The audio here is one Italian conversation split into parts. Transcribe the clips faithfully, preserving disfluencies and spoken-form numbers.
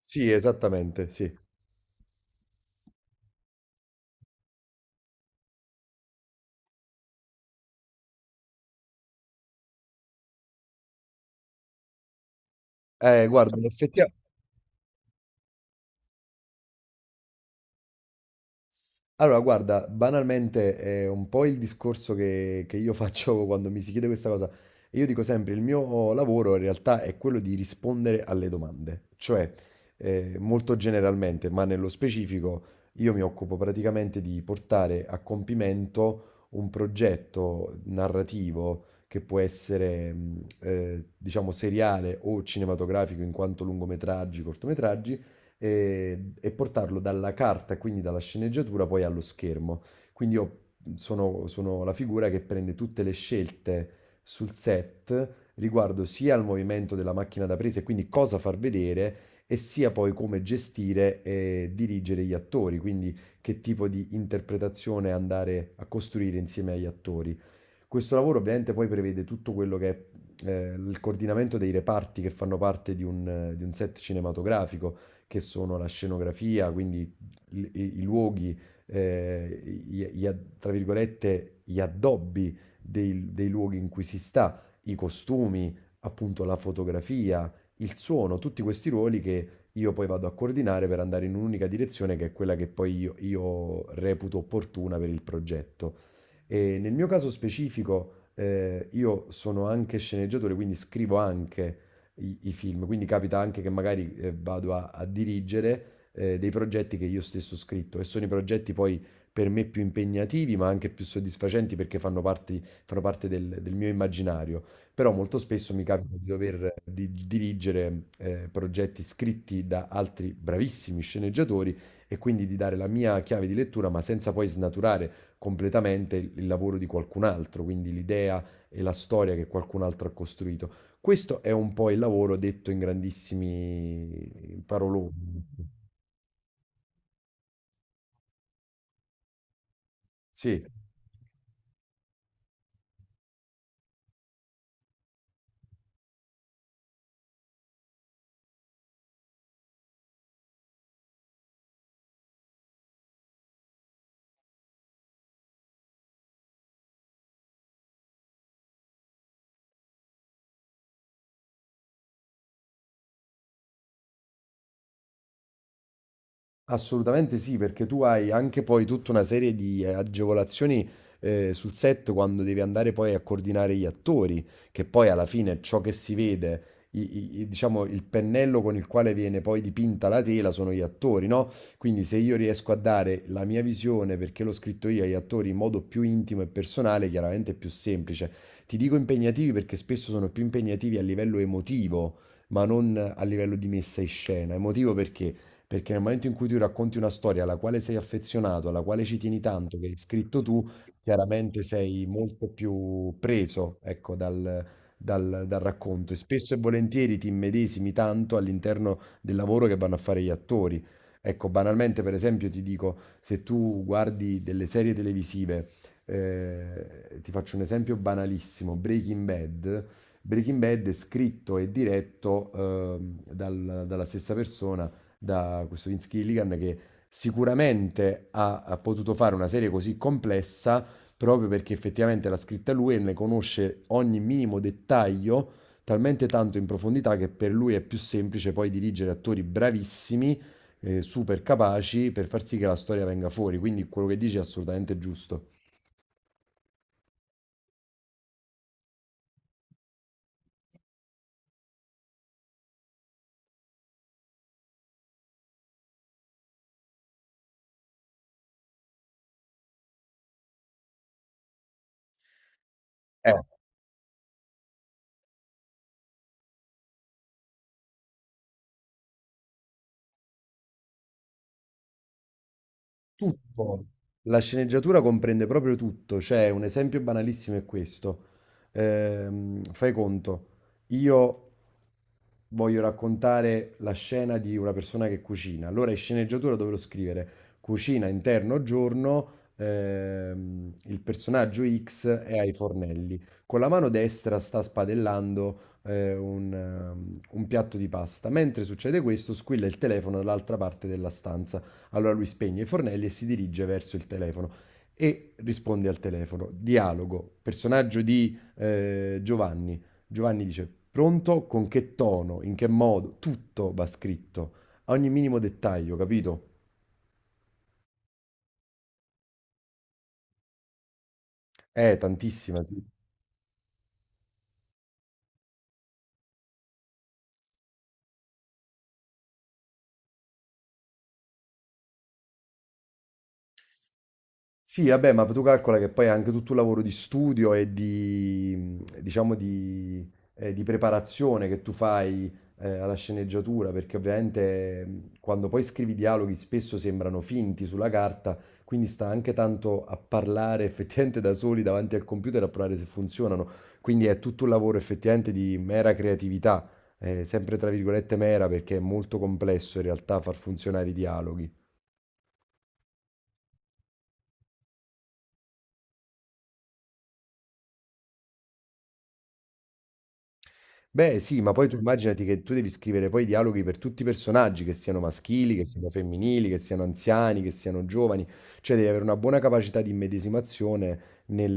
Sì, esattamente, sì. Eh, guarda, in effettia allora guarda, banalmente è un po' il discorso che, che io faccio quando mi si chiede questa cosa. E io dico sempre, il mio lavoro in realtà è quello di rispondere alle domande. Cioè, eh, molto generalmente, ma nello specifico, io mi occupo praticamente di portare a compimento un progetto narrativo che può essere, mh, eh, diciamo, seriale o cinematografico in quanto lungometraggi, cortometraggi e, e portarlo dalla carta, quindi dalla sceneggiatura, poi allo schermo. Quindi io mhmm, sono, sono la figura che prende tutte le scelte sul set riguardo sia al movimento della macchina da presa e quindi cosa far vedere, e sia poi come gestire e dirigere gli attori, quindi che tipo di interpretazione andare a costruire insieme agli attori. Questo lavoro ovviamente poi prevede tutto quello che è eh, il coordinamento dei reparti che fanno parte di un, eh, di un set cinematografico, che sono la scenografia, quindi i, i- i luoghi, eh, gli- gli ad- tra virgolette, gli addobbi dei, dei luoghi in cui si sta, i costumi, appunto la fotografia, il suono, tutti questi ruoli che io poi vado a coordinare per andare in un'unica direzione che è quella che poi io, io reputo opportuna per il progetto. E nel mio caso specifico, eh, io sono anche sceneggiatore, quindi scrivo anche i, i film, quindi capita anche che magari eh, vado a, a dirigere eh, dei progetti che io stesso ho scritto e sono i progetti poi per me più impegnativi, ma anche più soddisfacenti perché fanno parte, fanno parte del, del mio immaginario. Però molto spesso mi capita di dover di- dirigere eh, progetti scritti da altri bravissimi sceneggiatori e quindi di dare la mia chiave di lettura, ma senza poi snaturare completamente il, il lavoro di qualcun altro, quindi l'idea e la storia che qualcun altro ha costruito. Questo è un po' il lavoro detto in grandissimi paroloni. Sì. Assolutamente sì, perché tu hai anche poi tutta una serie di eh, agevolazioni eh, sul set quando devi andare poi a coordinare gli attori, che poi alla fine ciò che si vede, i- i- i- diciamo il pennello con il quale viene poi dipinta la tela sono gli attori, no? Quindi se io riesco a dare la mia visione, perché l'ho scritto io agli attori in modo più intimo e personale, chiaramente è più semplice. Ti dico impegnativi perché spesso sono più impegnativi a livello emotivo, ma non a livello di messa in scena. Emotivo perché? Perché nel momento in cui tu racconti una storia alla quale sei affezionato, alla quale ci tieni tanto, che hai scritto tu, chiaramente sei molto più preso, ecco, dal, dal- dal racconto e spesso e volentieri ti immedesimi tanto all'interno del lavoro che vanno a fare gli attori. Ecco, banalmente, per esempio, ti dico, se tu guardi delle serie televisive, eh, ti faccio un esempio banalissimo, Breaking Bad. Breaking Bad è scritto e diretto ehm, dal- dalla stessa persona, da questo Vince Gilligan che sicuramente ha, ha potuto fare una serie così complessa proprio perché effettivamente l'ha scritta lui e ne conosce ogni minimo dettaglio talmente tanto in profondità che per lui è più semplice poi dirigere attori bravissimi, eh, super capaci per far sì che la storia venga fuori. Quindi quello che dici è assolutamente giusto. Eh. Tutto. La sceneggiatura comprende proprio tutto, cioè un esempio banalissimo è questo. Ehm, fai conto, io voglio raccontare la scena di una persona che cucina, allora in sceneggiatura dovrò scrivere cucina interno giorno, ehm, il personaggio ics è ai fornelli, con la mano destra sta spadellando eh, un, ehm, un piatto di pasta, mentre succede questo squilla il telefono dall'altra parte della stanza. Allora lui spegne i fornelli e si dirige verso il telefono e risponde al telefono. Dialogo, personaggio di eh, Giovanni. Giovanni dice, pronto? Con che tono? In che modo? Tutto va scritto, a ogni minimo dettaglio, capito? Eh, tantissima, sì. Sì, vabbè, ma tu calcola che poi è anche tutto un lavoro di studio e di, diciamo, di, eh, di preparazione che tu fai, eh, alla sceneggiatura, perché ovviamente mh, quando poi scrivi dialoghi spesso sembrano finti sulla carta, quindi sta anche tanto a parlare effettivamente da soli davanti al computer a provare se funzionano. Quindi è tutto un lavoro effettivamente di mera creatività, eh, sempre tra virgolette mera, perché è molto complesso in realtà far funzionare i dialoghi. Beh, sì, ma poi tu Mm. immaginati che tu devi scrivere poi i dialoghi per tutti i personaggi, che siano maschili, che siano femminili, che siano anziani, che siano giovani, cioè devi avere una buona capacità di immedesimazione nel,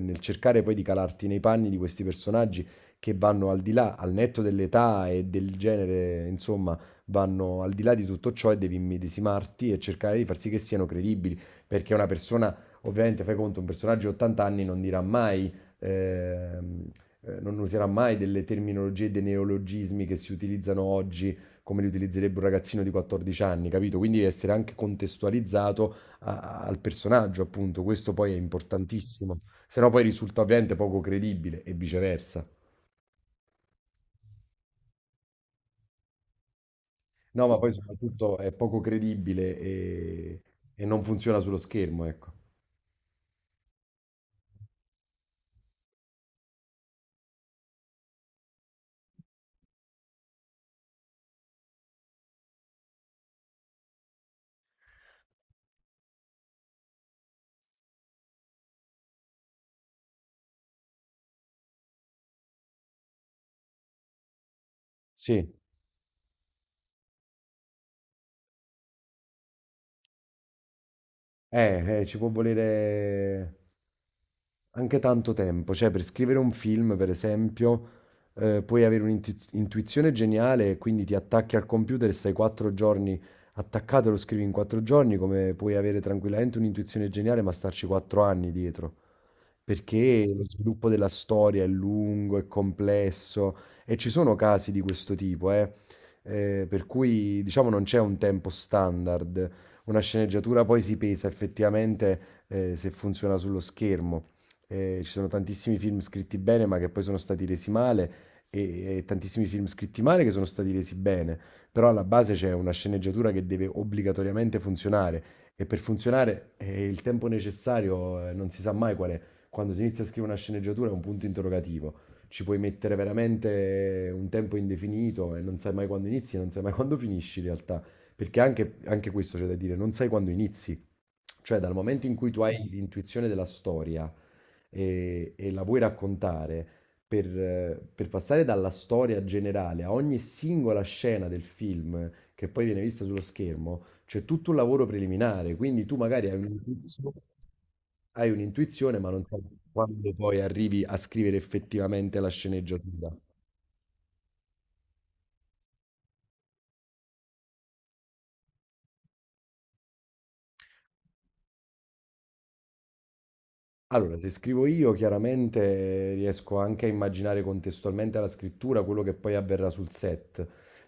nel cercare poi di calarti nei panni di questi personaggi che vanno al di là, al netto dell'età e del genere, insomma, vanno al di là di tutto ciò e devi immedesimarti e cercare di far sì che siano credibili, perché una persona, ovviamente, fai conto, un personaggio di ottanta anni non dirà mai, ehm, eh, non userà mai delle terminologie e dei neologismi che si utilizzano oggi come li utilizzerebbe un ragazzino di quattordici anni, capito? Quindi essere anche contestualizzato a- al personaggio, appunto, questo poi è importantissimo, se no poi risulta ovviamente poco credibile e viceversa. No, ma poi soprattutto è poco credibile e, e non funziona sullo schermo, ecco. Sì, eh, eh, ci può volere anche tanto tempo, cioè per scrivere un film, per esempio, eh, puoi avere un'intuizione geniale, e quindi ti attacchi al computer e stai quattro giorni attaccato e lo scrivi in quattro giorni, come puoi avere tranquillamente un'intuizione geniale, ma starci quattro anni dietro perché lo sviluppo della storia è lungo, è complesso e ci sono casi di questo tipo, eh, eh, per cui diciamo non c'è un tempo standard. Una sceneggiatura poi si pesa effettivamente eh, se funziona sullo schermo. Eh, ci sono tantissimi film scritti bene ma che poi sono stati resi male e, e tantissimi film scritti male che sono stati resi bene, però alla base c'è una sceneggiatura che deve obbligatoriamente funzionare e per funzionare eh, il tempo necessario eh, non si sa mai qual è. Quando si inizia a scrivere una sceneggiatura è un punto interrogativo. Ci puoi mettere veramente un tempo indefinito e non sai mai quando inizi, non sai mai quando finisci in realtà. Perché anche, anche questo c'è da dire, non sai quando inizi. Cioè dal momento in cui tu hai l'intuizione della storia e, e la vuoi raccontare, per, eh, per passare dalla storia generale a ogni singola scena del film che poi viene vista sullo schermo, c'è tutto un lavoro preliminare. Quindi tu magari hai un inizio. Hai un'intuizione, ma non sai quando poi arrivi a scrivere effettivamente la sceneggiatura. Allora, se scrivo io, chiaramente riesco anche a immaginare contestualmente alla scrittura quello che poi avverrà sul set.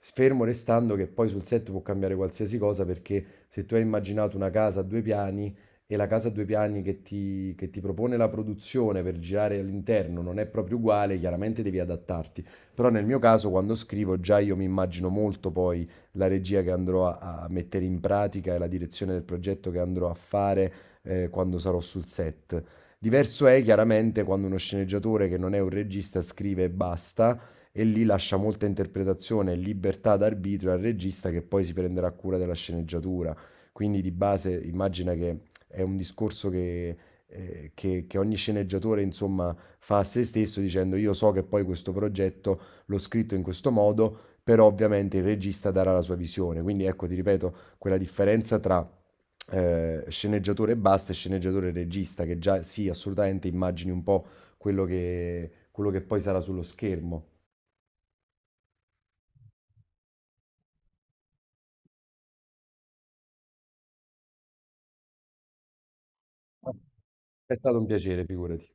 Fermo restando che poi sul set può cambiare qualsiasi cosa, perché se tu hai immaginato una casa a due piani e la casa a due piani che ti, che ti propone la produzione per girare all'interno non è proprio uguale, chiaramente devi adattarti. Però nel mio caso, quando scrivo, già io mi immagino molto poi la regia che andrò a, a mettere in pratica e la direzione del progetto che andrò a fare eh, quando sarò sul set. Diverso è chiaramente quando uno sceneggiatore che non è un regista scrive e basta, e lì lascia molta interpretazione e libertà d'arbitrio al regista che poi si prenderà cura della sceneggiatura. Quindi di base immagina che è un discorso che, eh, che- che ogni sceneggiatore insomma fa a se stesso dicendo io so che poi questo progetto l'ho scritto in questo modo, però ovviamente il regista darà la sua visione. Quindi ecco, ti ripeto, quella differenza tra eh, sceneggiatore e basta e sceneggiatore e regista, che già sì, assolutamente immagini un po' quello che, quello che poi sarà sullo schermo. È stato un piacere, figurati.